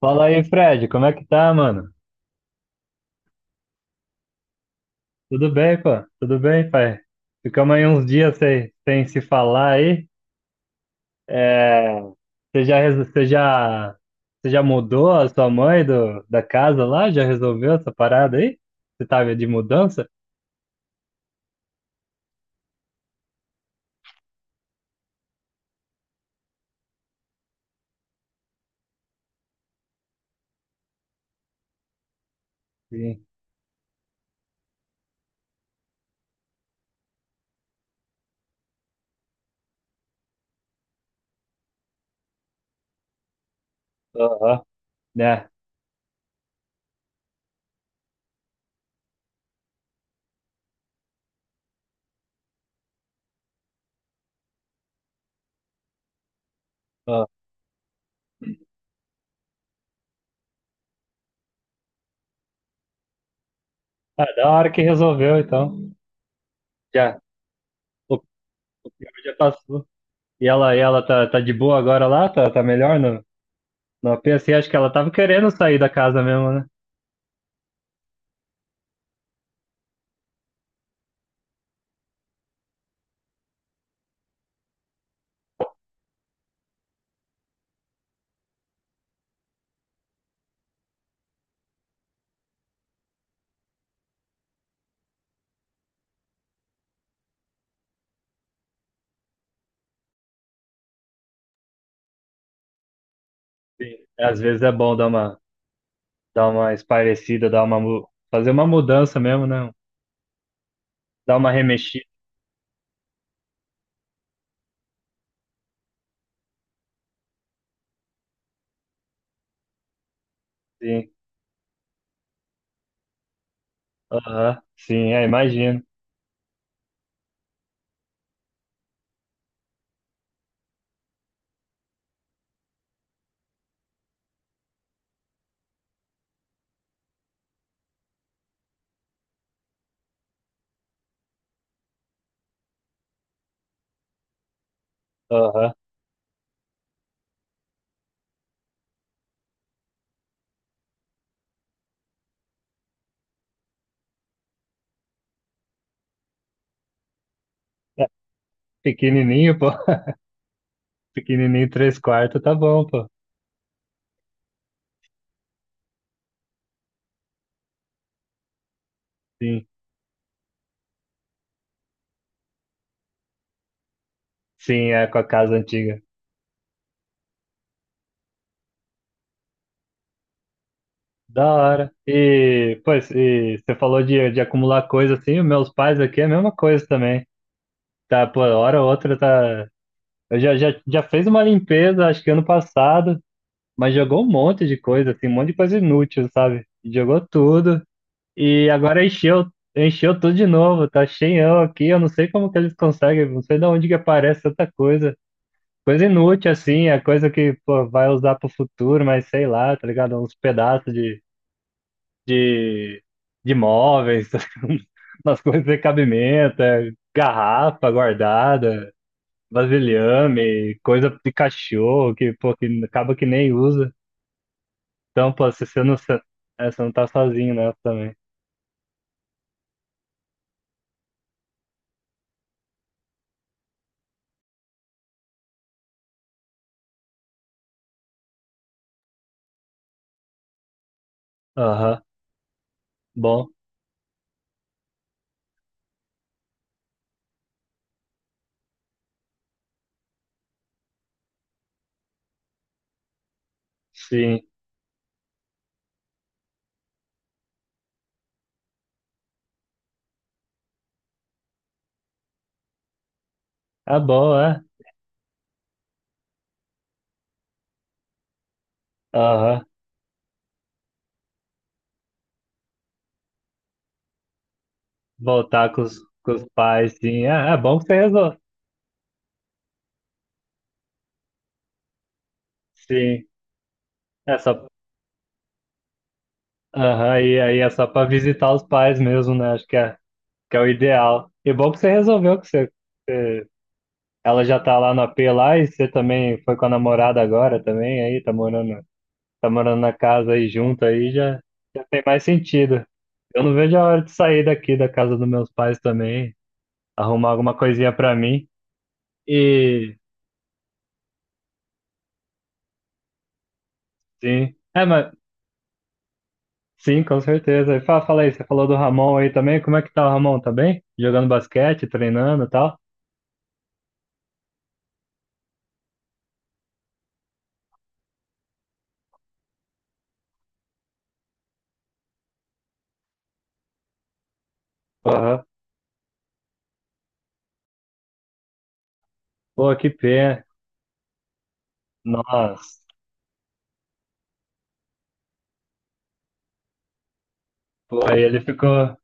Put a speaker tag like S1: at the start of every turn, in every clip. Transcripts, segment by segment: S1: Fala aí, Fred, como é que tá, mano? Tudo bem, pô? Tudo bem, pai? Ficamos aí uns dias sem se falar aí. É, você já, reso- você já mudou a sua mãe da casa lá? Já resolveu essa parada aí? Você tava de mudança? Sim. Aham, né? Aham. Ah, da hora que resolveu, então. Já, o, o pior já passou. ela tá de boa agora lá? Tá melhor no AP? Assim, acho que ela tava querendo sair da casa mesmo, né? Sim. Às vezes é bom dar uma espairecida, fazer uma mudança mesmo, né? Dar uma remexida, sim. Aham, sim, é, imagino. Aham. É, pequenininho, pô. Pequenininho, três quartos, tá bom, pô. Sim, sim, é com a casa antiga. Da hora. E, pois, e você falou de acumular coisa assim, os meus pais aqui é a mesma coisa também. Tá, pô, hora ou outra tá. Eu já fez uma limpeza, acho que ano passado. Mas jogou um monte de coisa, assim, um monte de coisa inútil, sabe? Jogou tudo e agora encheu, tudo de novo, tá cheião aqui, eu não sei como que eles conseguem, não sei de onde que aparece tanta coisa. Coisa inútil, assim, é coisa que, pô, vai usar pro futuro, mas sei lá, tá ligado? Uns pedaços de, de móveis, umas coisas de cabimento, é, garrafa guardada, vasilhame, coisa de cachorro que, pô, que acaba que nem usa. Então, pô, se você não, se, é, você não tá sozinho nessa também. Aham, bom, sim. É bom, é? Aham, voltar com os pais, sim. É bom que você resolve. Sim, é só. Aham, e aí é só pra visitar os pais mesmo, né? Acho que é o ideal. E bom que você resolveu. Você- Ela já tá lá no AP lá e você também foi com a namorada agora também, aí tá morando. Tá morando na casa aí junto aí, já tem mais sentido. Eu não vejo a hora de sair daqui da casa dos meus pais também, arrumar alguma coisinha pra mim. E sim, é, mas sim, com certeza. E fala aí, você falou do Ramon aí também. Como é que tá o Ramon? Tá bem? Jogando basquete, treinando e tal? Aham. Pô, que pena. Nossa. Pô, aí ele ficou,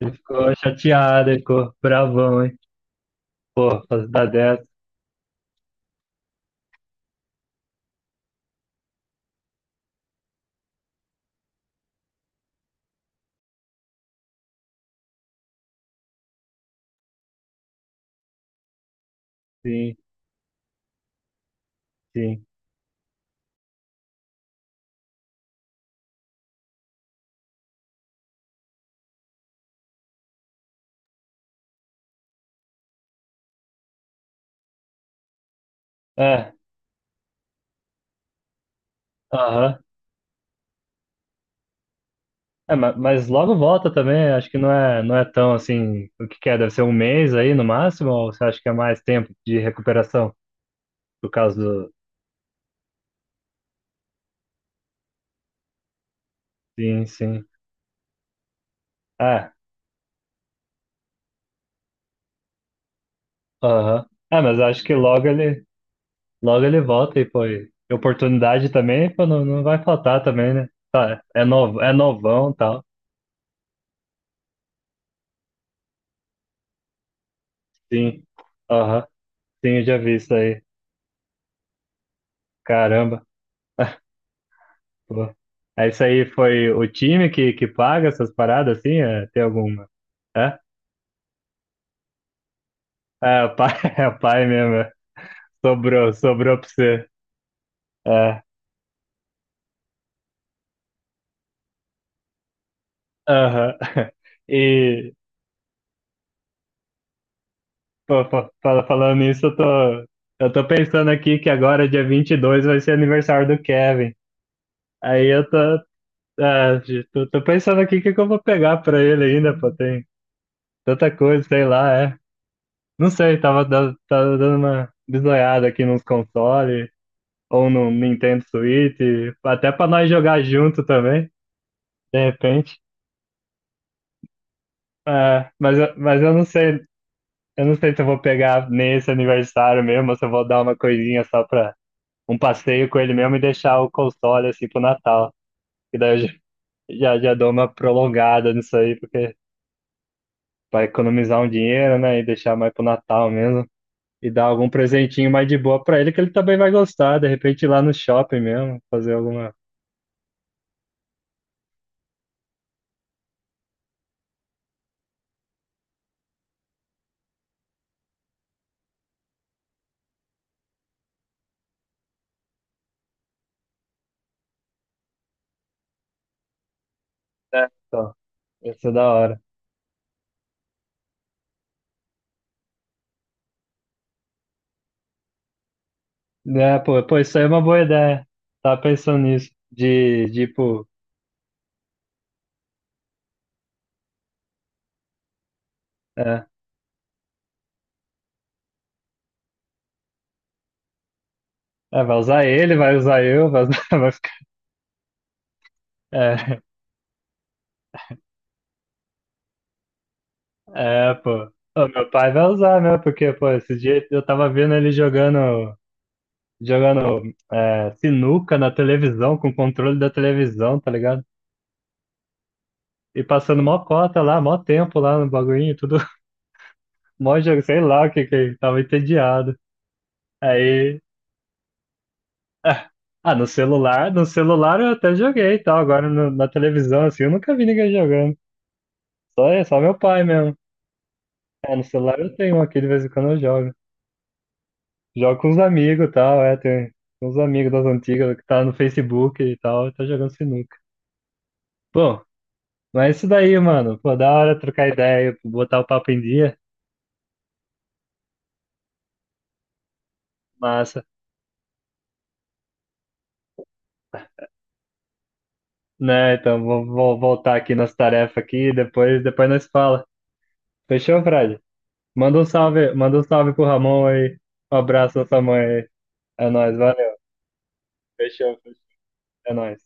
S1: ele ficou chateado, ele ficou bravão, hein? Pô, fazer da dessa, sim, sim. É, aham. É, mas logo volta também, acho que não é tão assim, o que que é, deve ser um mês aí no máximo, ou você acha que é mais tempo de recuperação, no caso do... Sim, sim. É, aham. É, mas acho que logo ele volta e, pô, e oportunidade também, pô, não, não vai faltar também, né? Tá, é novo, é novão e tal, sim, aham, sim, eu já vi isso aí, caramba, pô. É isso aí, foi o time que paga essas paradas, assim, é, tem alguma... É? É, o pai, é o pai mesmo. É. Sobrou, sobrou pra você. É, aham. E, pô, falando nisso, eu tô pensando aqui que agora, dia 22 vai ser aniversário do Kevin. Aí eu tô, é, tô, tô pensando aqui o que que eu vou pegar pra ele ainda, pô. Tem tanta coisa, sei lá, é. Não sei, tava dando uma bisoiada aqui nos consoles, ou no Nintendo Switch, até pra nós jogar junto também, de repente. É, mas eu não sei se eu vou pegar nesse aniversário mesmo, ou se eu vou dar uma coisinha só pra um passeio com ele mesmo e deixar o console assim pro Natal. E daí eu já dou uma prolongada nisso aí, porque pra economizar um dinheiro, né? E deixar mais pro Natal mesmo. E dar algum presentinho mais de boa pra ele, que ele também vai gostar, de repente ir lá no shopping mesmo, fazer alguma. É. Então, ia ser da hora. É, pô, pô, isso aí é uma boa ideia. Tava pensando nisso, tipo. É, é, vai usar ele, vai usar eu, vai ficar. É, é, pô. Ô, meu pai vai usar, né? Porque, pô, esse dia eu tava vendo ele jogando sinuca na televisão, com o controle da televisão, tá ligado? E passando mó cota lá, mó tempo lá no bagulhinho, tudo. Mó jogo, sei lá o que que, ele tava entediado. Aí. Ah, ah, no celular eu até joguei e tal. Agora na televisão, assim, eu nunca vi ninguém jogando. Só meu pai mesmo. É, no celular eu tenho um aqui, de vez em quando eu jogo. Jogo com os amigos e tal, é, tem uns amigos das antigas que tá no Facebook e tal, tá jogando sinuca. Bom, mas é isso daí, mano. Pô, da hora trocar ideia, botar o papo em dia, massa. Né, então vou voltar aqui nas tarefas aqui, depois nós fala. Fechou, Fred? Manda um salve pro Ramon aí. Um abraço à sua mãe aí. É nóis, valeu. Fechou, fechou. É nóis.